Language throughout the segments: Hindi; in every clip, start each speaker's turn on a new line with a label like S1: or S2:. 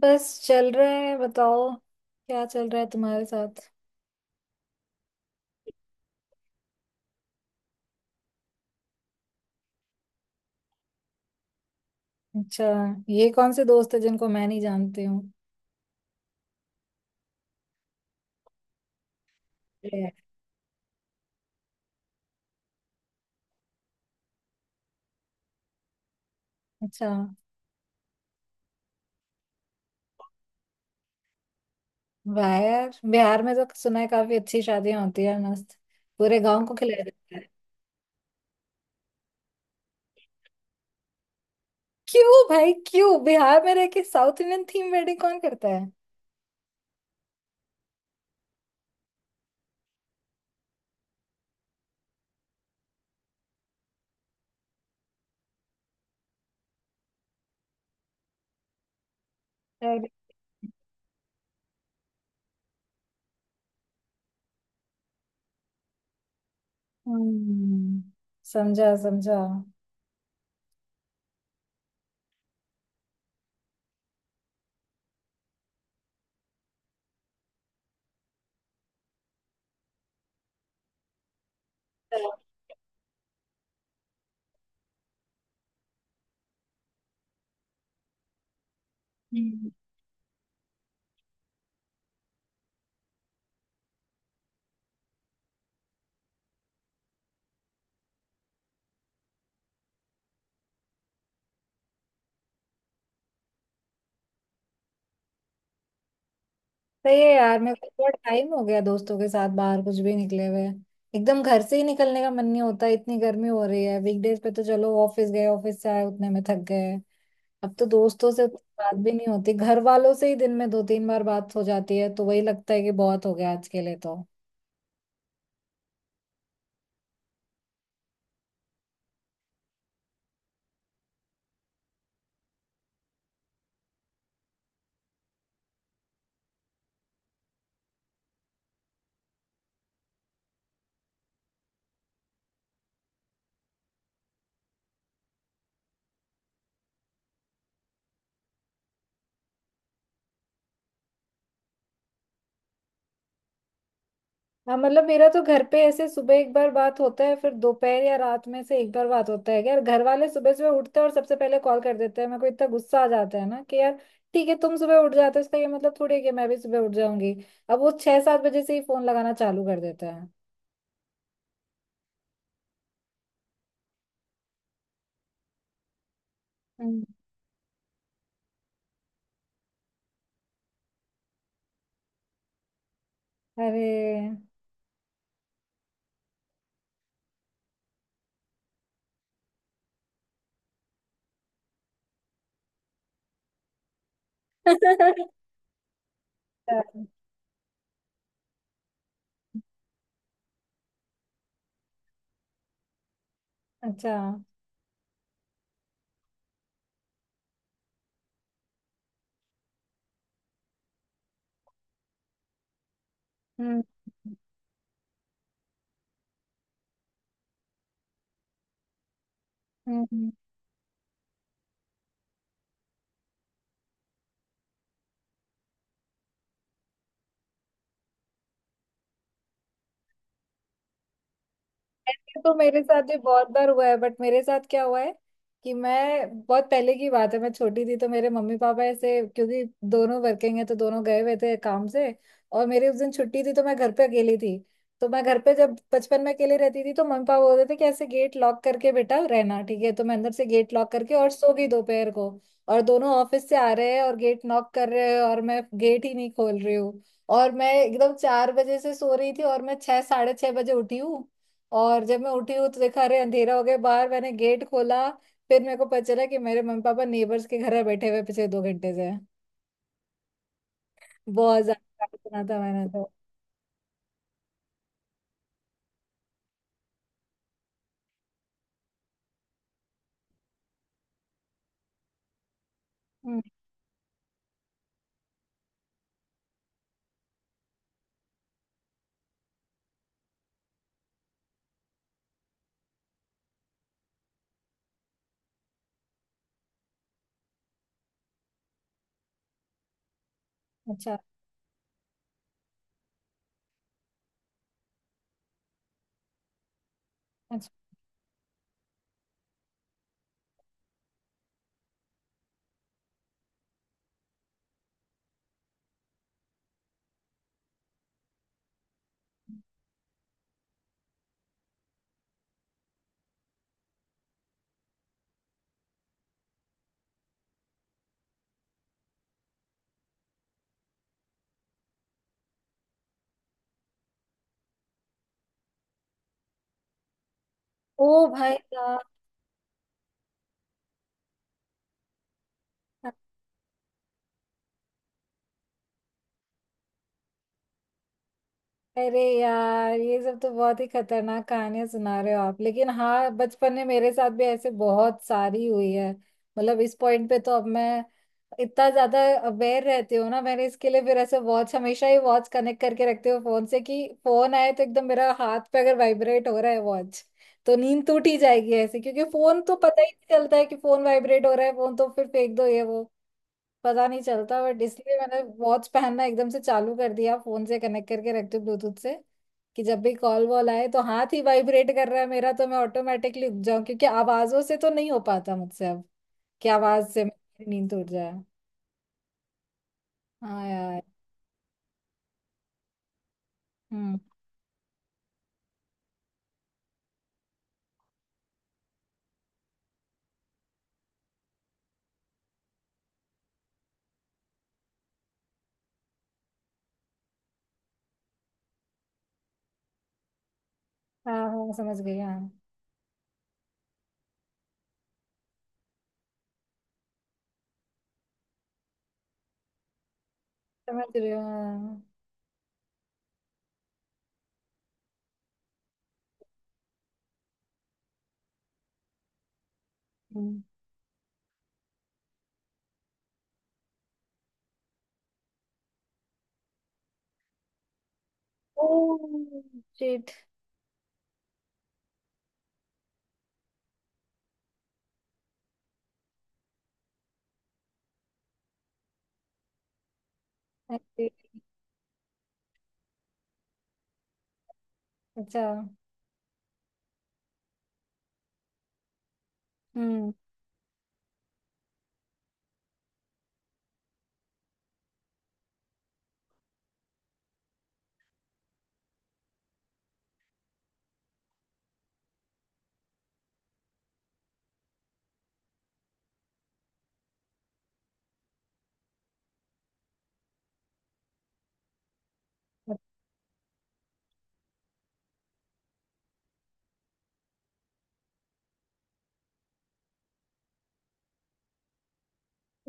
S1: बस चल रहा है। बताओ क्या चल रहा है तुम्हारे साथ। अच्छा, ये कौन से दोस्त है जिनको मैं नहीं जानती हूँ? Yeah. अच्छा। वाह यार, बिहार में तो सुना है काफी अच्छी शादियां होती है मस्त। पूरे गांव को खिलाया जाता है। क्यों भाई क्यों, बिहार में रह के साउथ इंडियन थीम वेडिंग कौन करता है? अरे। हम्म, समझा समझा। हम्म। सही है यार, मेरे को बहुत टाइम हो गया दोस्तों के साथ बाहर कुछ भी निकले हुए। एकदम घर से ही निकलने का मन नहीं होता। इतनी गर्मी हो रही है, वीकडेज पे तो चलो ऑफिस गए, ऑफिस से आए, उतने में थक गए। अब तो दोस्तों से उतनी बात भी नहीं होती। घर वालों से ही दिन में 2 3 बार बात हो जाती है तो वही लगता है कि बहुत हो गया आज के लिए तो। हाँ, मतलब मेरा तो घर पे ऐसे सुबह एक बार बात होता है, फिर दोपहर या रात में से एक बार बात होता है। यार घर वाले सुबह सुबह उठते हैं और सबसे पहले कॉल कर देते हैं, मेरे को इतना गुस्सा आ जाता है ना कि यार। ठीक है तुम सुबह उठ जाते हो, इसका ये मतलब थोड़ी है कि मैं भी सुबह उठ जाऊंगी। अब वो 6 7 बजे से ही फोन लगाना चालू कर देता है। हम्म। अरे। अच्छा। अच्छा, हम्म। हम्म। ऐसे तो मेरे साथ भी बहुत बार हुआ है, बट मेरे साथ क्या हुआ है कि मैं बहुत पहले की बात है मैं छोटी थी तो मेरे मम्मी पापा ऐसे, क्योंकि दोनों वर्किंग है तो दोनों गए हुए थे काम से। और मेरी उस दिन छुट्टी थी तो मैं घर पे अकेली थी। तो मैं घर पे जब बचपन में अकेले रहती थी तो मम्मी पापा बोलते थे कि ऐसे गेट लॉक करके बेटा रहना, ठीक है तो मैं अंदर से गेट लॉक करके और सो गई दोपहर को। और दोनों ऑफिस से आ रहे हैं और गेट नॉक कर रहे हैं और मैं गेट ही नहीं खोल रही हूँ। और मैं एकदम 4 बजे से सो रही थी और मैं 6 साढ़े 6 बजे उठी हूँ। और जब मैं उठी हूँ तो देखा, अरे अंधेरा हो गया बाहर, मैंने गेट खोला। फिर मेरे को पता चला कि मेरे मम्मी पापा नेबर्स के घर में बैठे हुए पिछले 2 घंटे से हैं। बहुत ज्यादा सुना था मैंने तो। हम्म, अच्छा। अच्छा। ओ। भाई साहब। अरे यार, ये सब तो बहुत ही खतरनाक कहानियां सुना रहे हो आप, लेकिन हाँ, बचपन में मेरे साथ भी ऐसे बहुत सारी हुई है। मतलब इस पॉइंट पे तो अब मैं इतना ज्यादा अवेयर रहती हूँ ना, मैंने इसके लिए फिर ऐसे वॉच हमेशा ही वॉच कनेक्ट करके रखती हूँ फोन से, कि फोन आए तो एकदम मेरा हाथ पे अगर वाइब्रेट हो रहा है वॉच तो नींद टूट ही जाएगी ऐसे। क्योंकि फोन तो पता ही नहीं चलता है कि फोन वाइब्रेट हो रहा है, फोन तो फिर फेंक दो ये, पता नहीं चलता। बट इसलिए मैंने वॉच पहनना एकदम से चालू कर दिया, फोन से कनेक्ट करके रखती हूँ ब्लूटूथ से कि जब भी कॉल वॉल आए तो हाथ ही वाइब्रेट कर रहा है मेरा तो मैं ऑटोमेटिकली उठ जाऊं, क्योंकि आवाजों से तो नहीं हो पाता मुझसे अब कि आवाज से मेरी नींद उड़ जाए। हाँ यार। हम्म। हाँ हाँ, समझ गई हाँ। समझ रही हूँ हाँ, हाँ। हम्म। ओह। शिट। अच्छा। हम्म।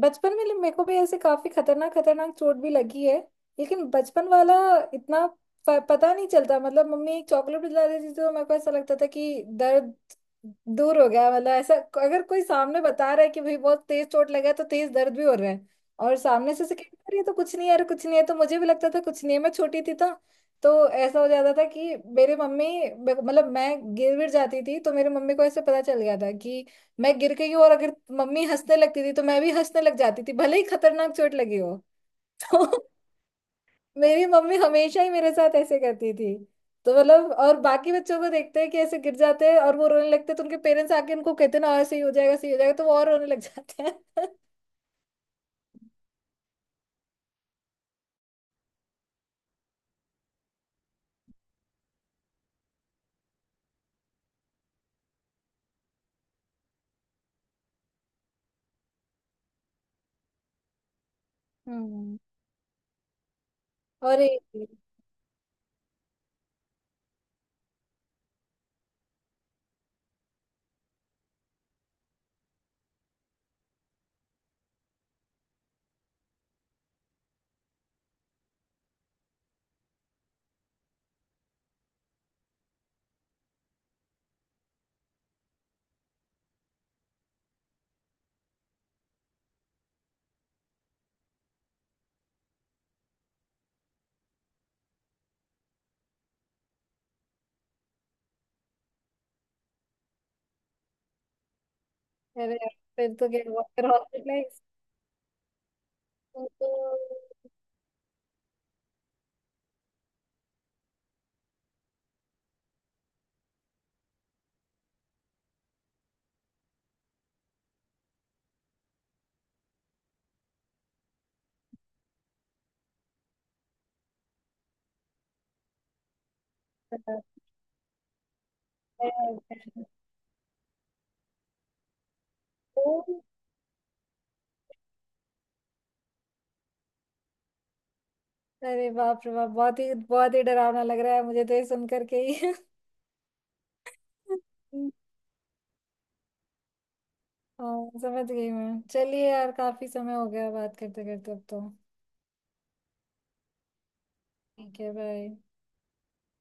S1: बचपन में मेरे को भी ऐसे काफी खतरनाक खतरनाक चोट भी लगी है। लेकिन बचपन वाला इतना पता नहीं चलता, मतलब मम्मी एक चॉकलेट दिला देती थी तो मेरे को ऐसा लगता था कि दर्द दूर हो गया, मतलब ऐसा। अगर कोई सामने बता रहा है कि भाई बहुत तेज चोट लगा है तो तेज दर्द भी हो रहा है, और सामने से कह रही है तो कुछ नहीं है, अरे कुछ नहीं है तो मुझे भी लगता था कुछ नहीं है। मैं छोटी थी तो ऐसा हो जाता था कि मेरे मम्मी, मतलब मैं गिर गिर जाती थी तो मेरे मम्मी को ऐसे पता चल गया था कि मैं गिर गई हूँ, और अगर मम्मी हंसने लगती थी तो मैं भी हंसने लग जाती थी भले ही खतरनाक चोट लगी हो। तो मेरी मम्मी हमेशा ही मेरे साथ ऐसे करती थी। तो मतलब और बाकी बच्चों को देखते हैं कि ऐसे गिर जाते हैं और वो रोने लगते हैं, तो उनके पेरेंट्स आके उनको कहते हैं ना ऐसे ही हो जाएगा, सही हो जाएगा, तो वो और रोने लग जाते हैं। हम्म। और ये- अरे यार। फिर तो क्या हुआ? फिर hospitalized? तो तो- अरे बाप रे बाप, बहुत ही डरावना लग रहा है मुझे तो ये सुन करके ही। हाँ समझ गई मैं, चलिए यार काफी समय हो गया बात करते करते अब तो। ठीक है, बाय।